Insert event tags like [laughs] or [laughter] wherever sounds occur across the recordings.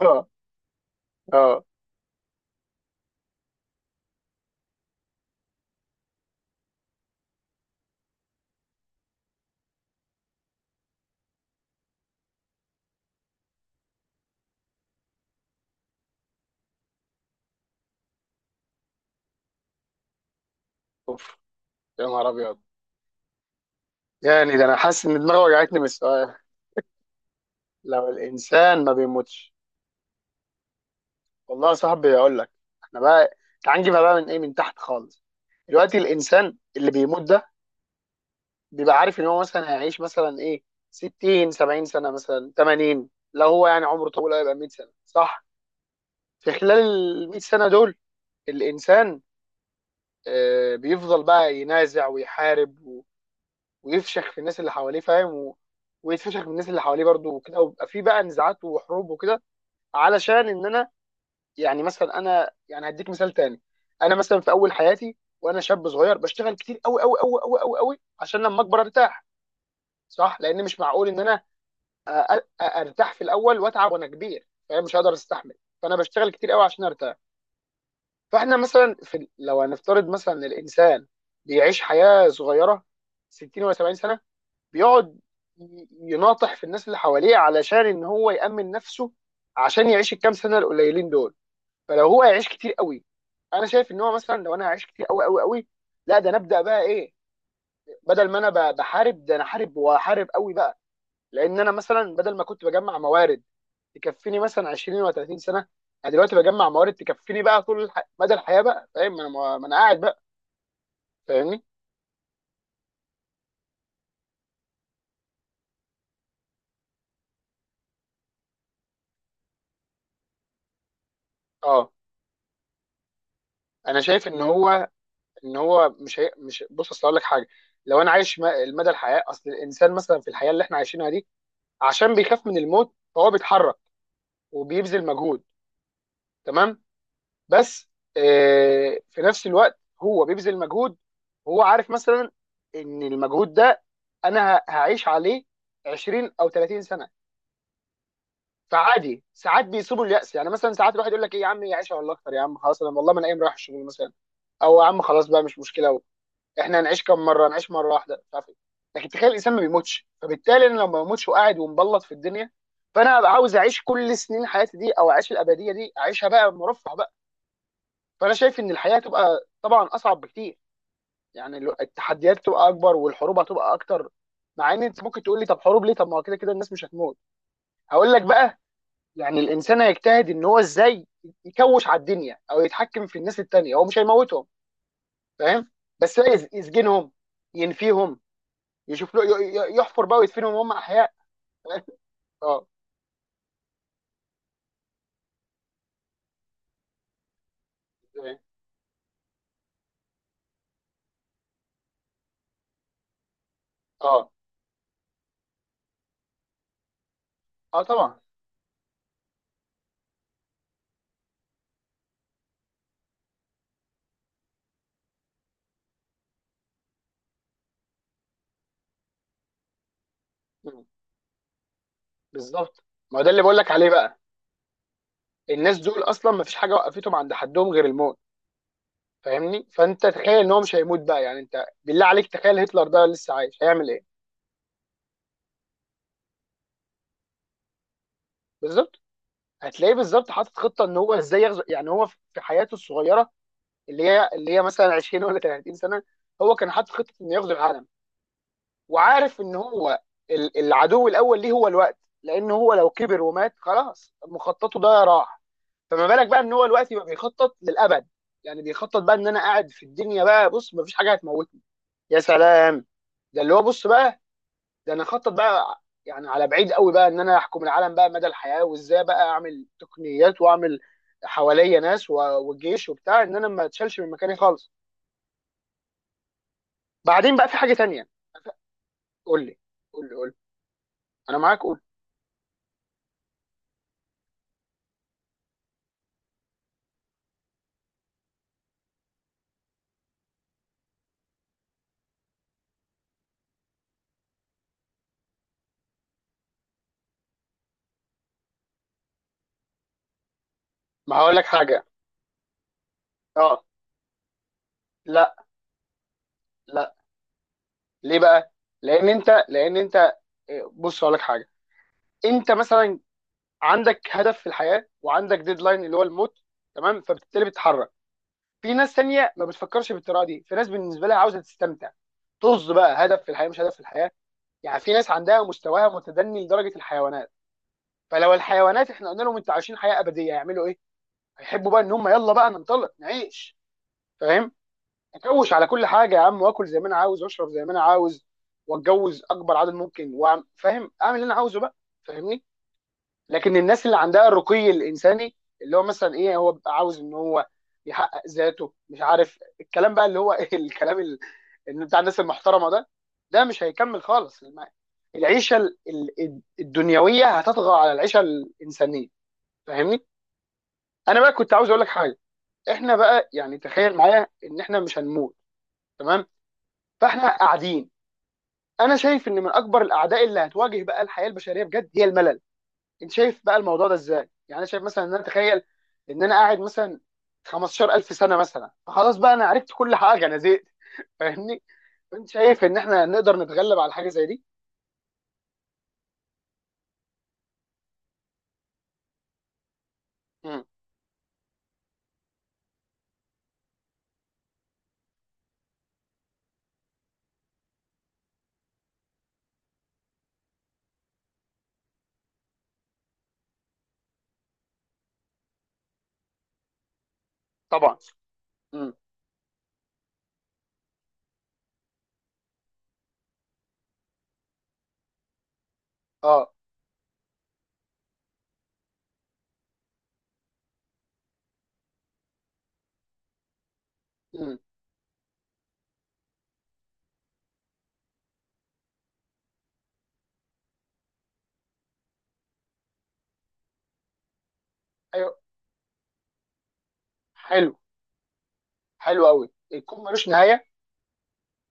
اه اه اوف، يا نهار ابيض. يعني ده انا حاسس ان دماغي وجعتني من السؤال. لو الانسان ما بيموتش. والله يا صاحبي اقول لك، احنا بقى تعال نجيبها بقى من ايه، من تحت خالص. دلوقتي الانسان اللي بيموت ده بيبقى عارف ان هو مثلا هيعيش مثلا ايه، 60 70 سنه، مثلا 80، لو هو يعني عمره طويل هيبقى 100 سنه، صح؟ في خلال ال 100 سنه دول الانسان بيفضل بقى ينازع ويحارب ويفشخ في الناس اللي حواليه، فاهم؟ ويتفشخ من الناس اللي حواليه برضه وكده، ويبقى في بقى نزاعات وحروب وكده. علشان ان انا، يعني مثلا انا يعني هديك مثال تاني. انا مثلا في اول حياتي وانا شاب صغير بشتغل كتير قوي قوي قوي قوي قوي قوي عشان لما اكبر ارتاح، صح؟ لان مش معقول ان انا أ- ارتاح في الاول واتعب وانا كبير، فاهم؟ مش هقدر استحمل، فانا بشتغل كتير قوي عشان ارتاح. فاحنا مثلا لو هنفترض مثلا إن الانسان بيعيش حياه صغيره، 60 ولا 70 سنه، بيقعد يناطح في الناس اللي حواليه علشان ان هو يأمن نفسه، عشان يعيش الكام سنه القليلين دول. فلو هو هيعيش كتير قوي، انا شايف ان هو، مثلا لو انا هعيش كتير قوي قوي قوي، لا ده نبدا بقى ايه، بدل ما انا بحارب ده انا حارب وحارب قوي بقى. لان انا مثلا بدل ما كنت بجمع موارد تكفيني مثلا 20 و30 سنه، انا دلوقتي بجمع موارد تكفيني بقى طول مدى الحياه بقى، فاهم؟ ما انا قاعد بقى. فاهمني؟ اه، انا شايف ان هو، مش، بص اصل اقول لك حاجه. لو انا عايش المدى الحياه، اصل الانسان مثلا في الحياه اللي احنا عايشينها دي عشان بيخاف من الموت فهو بيتحرك وبيبذل مجهود، تمام؟ بس في نفس الوقت هو بيبذل مجهود، هو عارف مثلا ان المجهود ده انا هعيش عليه 20 او 30 سنه. فعادي ساعات بيصيبوا اليأس، يعني مثلا ساعات الواحد يقول لك ايه يا عم يعيش والله اكتر، يا عم خلاص انا والله ما انا قايم رايح الشغل مثلا، او يا عم خلاص بقى مش مشكله، احنا هنعيش كام مره، هنعيش مره واحده، مش عارف ايه. لكن تخيل الانسان ما بيموتش، فبالتالي انا لو ما بموتش وقاعد ومبلط في الدنيا، فانا هبقى عاوز اعيش كل سنين حياتي دي او اعيش الابديه دي اعيشها بقى مرفه بقى. فانا شايف ان الحياه تبقى طبعا اصعب بكتير، يعني التحديات تبقى اكبر والحروب هتبقى اكتر. مع ان انت ممكن تقول لي طب حروب ليه، طب ما هو كده كده الناس مش هتموت. هقول لك بقى، يعني الانسان هيجتهد ان هو ازاي يكوش على الدنيا او يتحكم في الناس التانيه. هو مش هيموتهم، فاهم؟ بس لا يسجنهم، ينفيهم، يشوف له يحفر بقى ويدفنهم وهم احياء. [laughs] اه، يعني، اه. اه طبعا. مم. بالظبط. ما ده اللي بقول لك عليه بقى. الناس دول اصلا ما فيش حاجه وقفتهم عند حدهم غير الموت. فاهمني؟ فانت تخيل ان هو مش هيموت بقى، يعني انت بالله عليك تخيل هتلر ده لسه عايش هيعمل ايه. بالظبط، هتلاقيه بالظبط حاطط خطه ان هو ازاي يغزو، يعني هو في حياته الصغيره اللي هي مثلا 20 ولا 30 سنه، هو كان حاطط خطه انه يغزو العالم، وعارف ان هو العدو الاول ليه هو الوقت، لان هو لو كبر ومات خلاص مخططه ده راح. فما بالك بقى ان هو دلوقتي بقى بيخطط للابد. يعني بيخطط بقى ان انا قاعد في الدنيا بقى، بص مفيش حاجه هتموتني، يا سلام. ده اللي هو بص بقى، ده انا اخطط بقى يعني على بعيد قوي بقى ان انا احكم العالم بقى مدى الحياه، وازاي بقى اعمل تقنيات واعمل حواليا ناس والجيش وبتاع، ان انا ما اتشالش من مكاني خالص. بعدين بقى في حاجه تانيه. قول لي، قول لي. انا معاك قول. ما هقول لك حاجه. اه، لا لا، ليه بقى؟ لان انت، لان انت، بص اقول لك حاجه. انت مثلا عندك هدف في الحياه وعندك ديدلاين اللي هو الموت، تمام؟ فبالتالي بتتحرك. في ناس تانية ما بتفكرش بالطريقه دي، في ناس بالنسبه لها عاوزه تستمتع، طز بقى هدف في الحياه مش هدف في الحياه. يعني في ناس عندها مستواها متدني لدرجه الحيوانات. فلو الحيوانات احنا قلنا لهم انتوا عايشين حياه ابديه هيعملوا ايه؟ هيحبوا بقى ان هم يلا بقى ننطلق نعيش، فاهم؟ اكوش على كل حاجه يا عم، واكل زي ما انا عاوز، واشرب زي ما انا عاوز، واتجوز اكبر عدد ممكن، فاهم اعمل اللي انا عاوزه بقى. فاهمني؟ لكن الناس اللي عندها الرقي الانساني، اللي هو مثلا ايه، هو بيبقى عاوز ان هو يحقق ذاته، مش عارف الكلام بقى اللي هو [laughs] إيه الكلام اللي بتاع الناس المحترمه ده، ده مش هيكمل خالص. العيشه الدنيويه هتطغى على العيشه الانسانيه، فاهمني؟ انا بقى كنت عاوز اقول لك حاجه، احنا بقى يعني تخيل معايا ان احنا مش هنموت، تمام؟ فاحنا قاعدين، انا شايف ان من اكبر الاعداء اللي هتواجه بقى الحياه البشريه بجد هي الملل. انت شايف بقى الموضوع ده ازاي؟ يعني انا شايف مثلا ان انا اتخيل ان انا قاعد مثلا 15,000 سنه مثلا، فخلاص بقى انا عرفت كل حاجه، انا زهقت، فاهمني؟ انت شايف ان احنا نقدر نتغلب على حاجه زي دي؟ امم. طبعا. امم. اه. امم. ايوه. حلو. حلو قوي، الكون ملوش نهايه.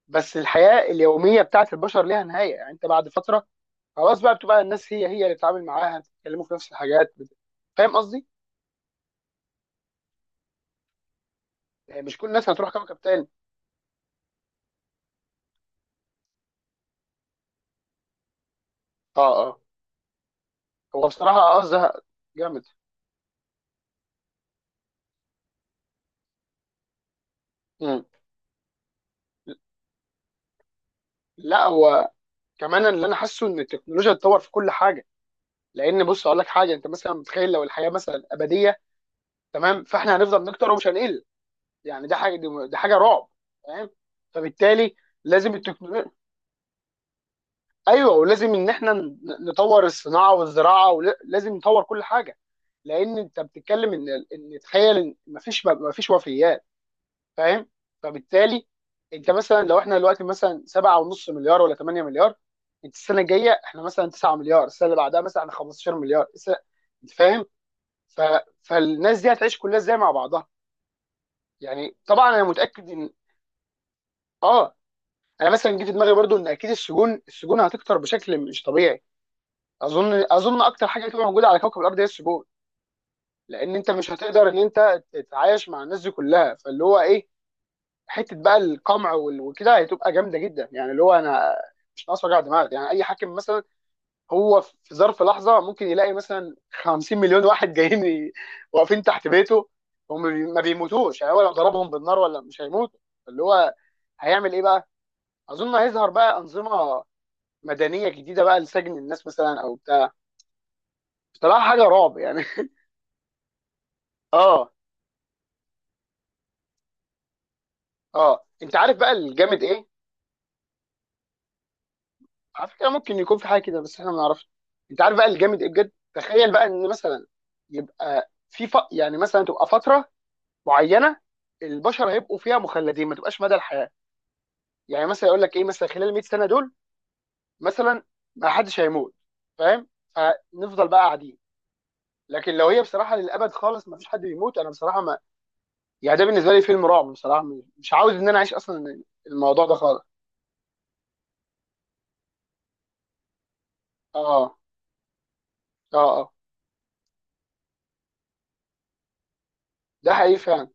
بس الحياه اليوميه بتاعت البشر ليها نهايه، يعني انت بعد فتره خلاص بقى، بتبقى الناس هي هي اللي بتتعامل معاها، بتتكلموا في نفس الحاجات فاهم قصدي؟ يعني مش كل الناس هتروح كوكب تاني. اه اه. هو بصراحه اه زهق جامد. مم. لا هو كمان اللي انا حاسه ان التكنولوجيا اتطور في كل حاجه. لان بص اقول لك حاجه، انت مثلا متخيل لو الحياه مثلا ابديه، تمام؟ فاحنا هنفضل نكتر ومش هنقل. يعني ده حاجه، دي حاجه رعب، فاهم؟ فبالتالي لازم التكنولوجيا، ايوه، ولازم ان احنا نطور الصناعه والزراعه، ولازم نطور كل حاجه. لان انت بتتكلم ان ان تخيل ان مفيش وفيات، فاهم؟ فبالتالي انت مثلا لو احنا دلوقتي مثلا 7.5 مليار ولا 8 مليار، انت السنه الجايه احنا مثلا 9 مليار، السنه اللي بعدها مثلا احنا 15 مليار، انت فاهم؟ ف... فالناس دي هتعيش كلها ازاي مع بعضها؟ يعني طبعا انا متاكد ان، اه، انا مثلا جه في دماغي برضو ان اكيد السجون هتكتر بشكل مش طبيعي. اظن اكتر حاجه هتبقى موجوده على كوكب الارض هي السجون. لان انت مش هتقدر ان انت تتعايش مع الناس دي كلها، فاللي هو ايه، حته بقى القمع وكده هتبقى جامده جدا. يعني اللي هو انا مش ناقص وجع دماغ، يعني اي حاكم مثلا هو في ظرف لحظه ممكن يلاقي مثلا 50 مليون واحد جايين واقفين تحت بيته، هم ما بيموتوش، يعني هو لو ضربهم بالنار ولا مش هيموتوا، اللي هو هيعمل ايه بقى؟ اظن هيظهر بقى انظمه مدنيه جديده بقى لسجن الناس مثلا او بتاع، بصراحه حاجه رعب يعني. [laughs] اه. اه انت عارف بقى الجامد ايه؟ على فكره ممكن يكون في حاجه كده بس احنا ما نعرفش. انت عارف بقى الجامد إيه بجد؟ تخيل بقى ان مثلا يبقى يعني مثلا تبقى فتره معينه البشر هيبقوا فيها مخلدين، ما تبقاش مدى الحياه. يعني مثلا يقول لك ايه، مثلا خلال 100 سنه دول مثلا ما حدش هيموت، فاهم؟ فنفضل بقى قاعدين. لكن لو هي بصراحه للابد خالص ما فيش حد بيموت، انا بصراحه ما، يعني ده بالنسبه لي فيلم رعب بصراحه، مش عاوز ان انا اعيش اصلا الموضوع ده خالص. اه. اه. اه. ده حقيقي فعلا.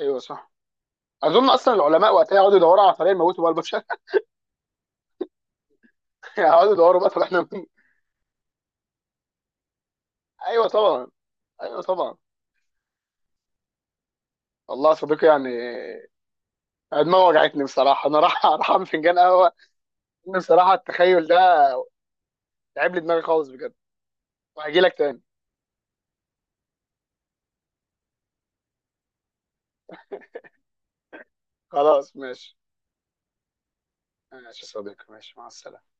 ايوه صح. اظن اصلا العلماء وقتها يقعدوا يدوروا على طريقه يموتوا بقى البشر. [laughs] يعني يقعدوا يدوروا بقى، طب احنا مين؟ ايوه طبعا. ايوه طبعا. والله يا صديقي يعني، أنا دماغي وجعتني بصراحه، انا راح [laughs] راح اعمل فنجان قهوه. إن بصراحه التخيل ده تعب لي دماغي خالص بجد. وهجي لك تاني. خلاص ماشي. ماشي يا صديقي، ماشي، مع السلامه.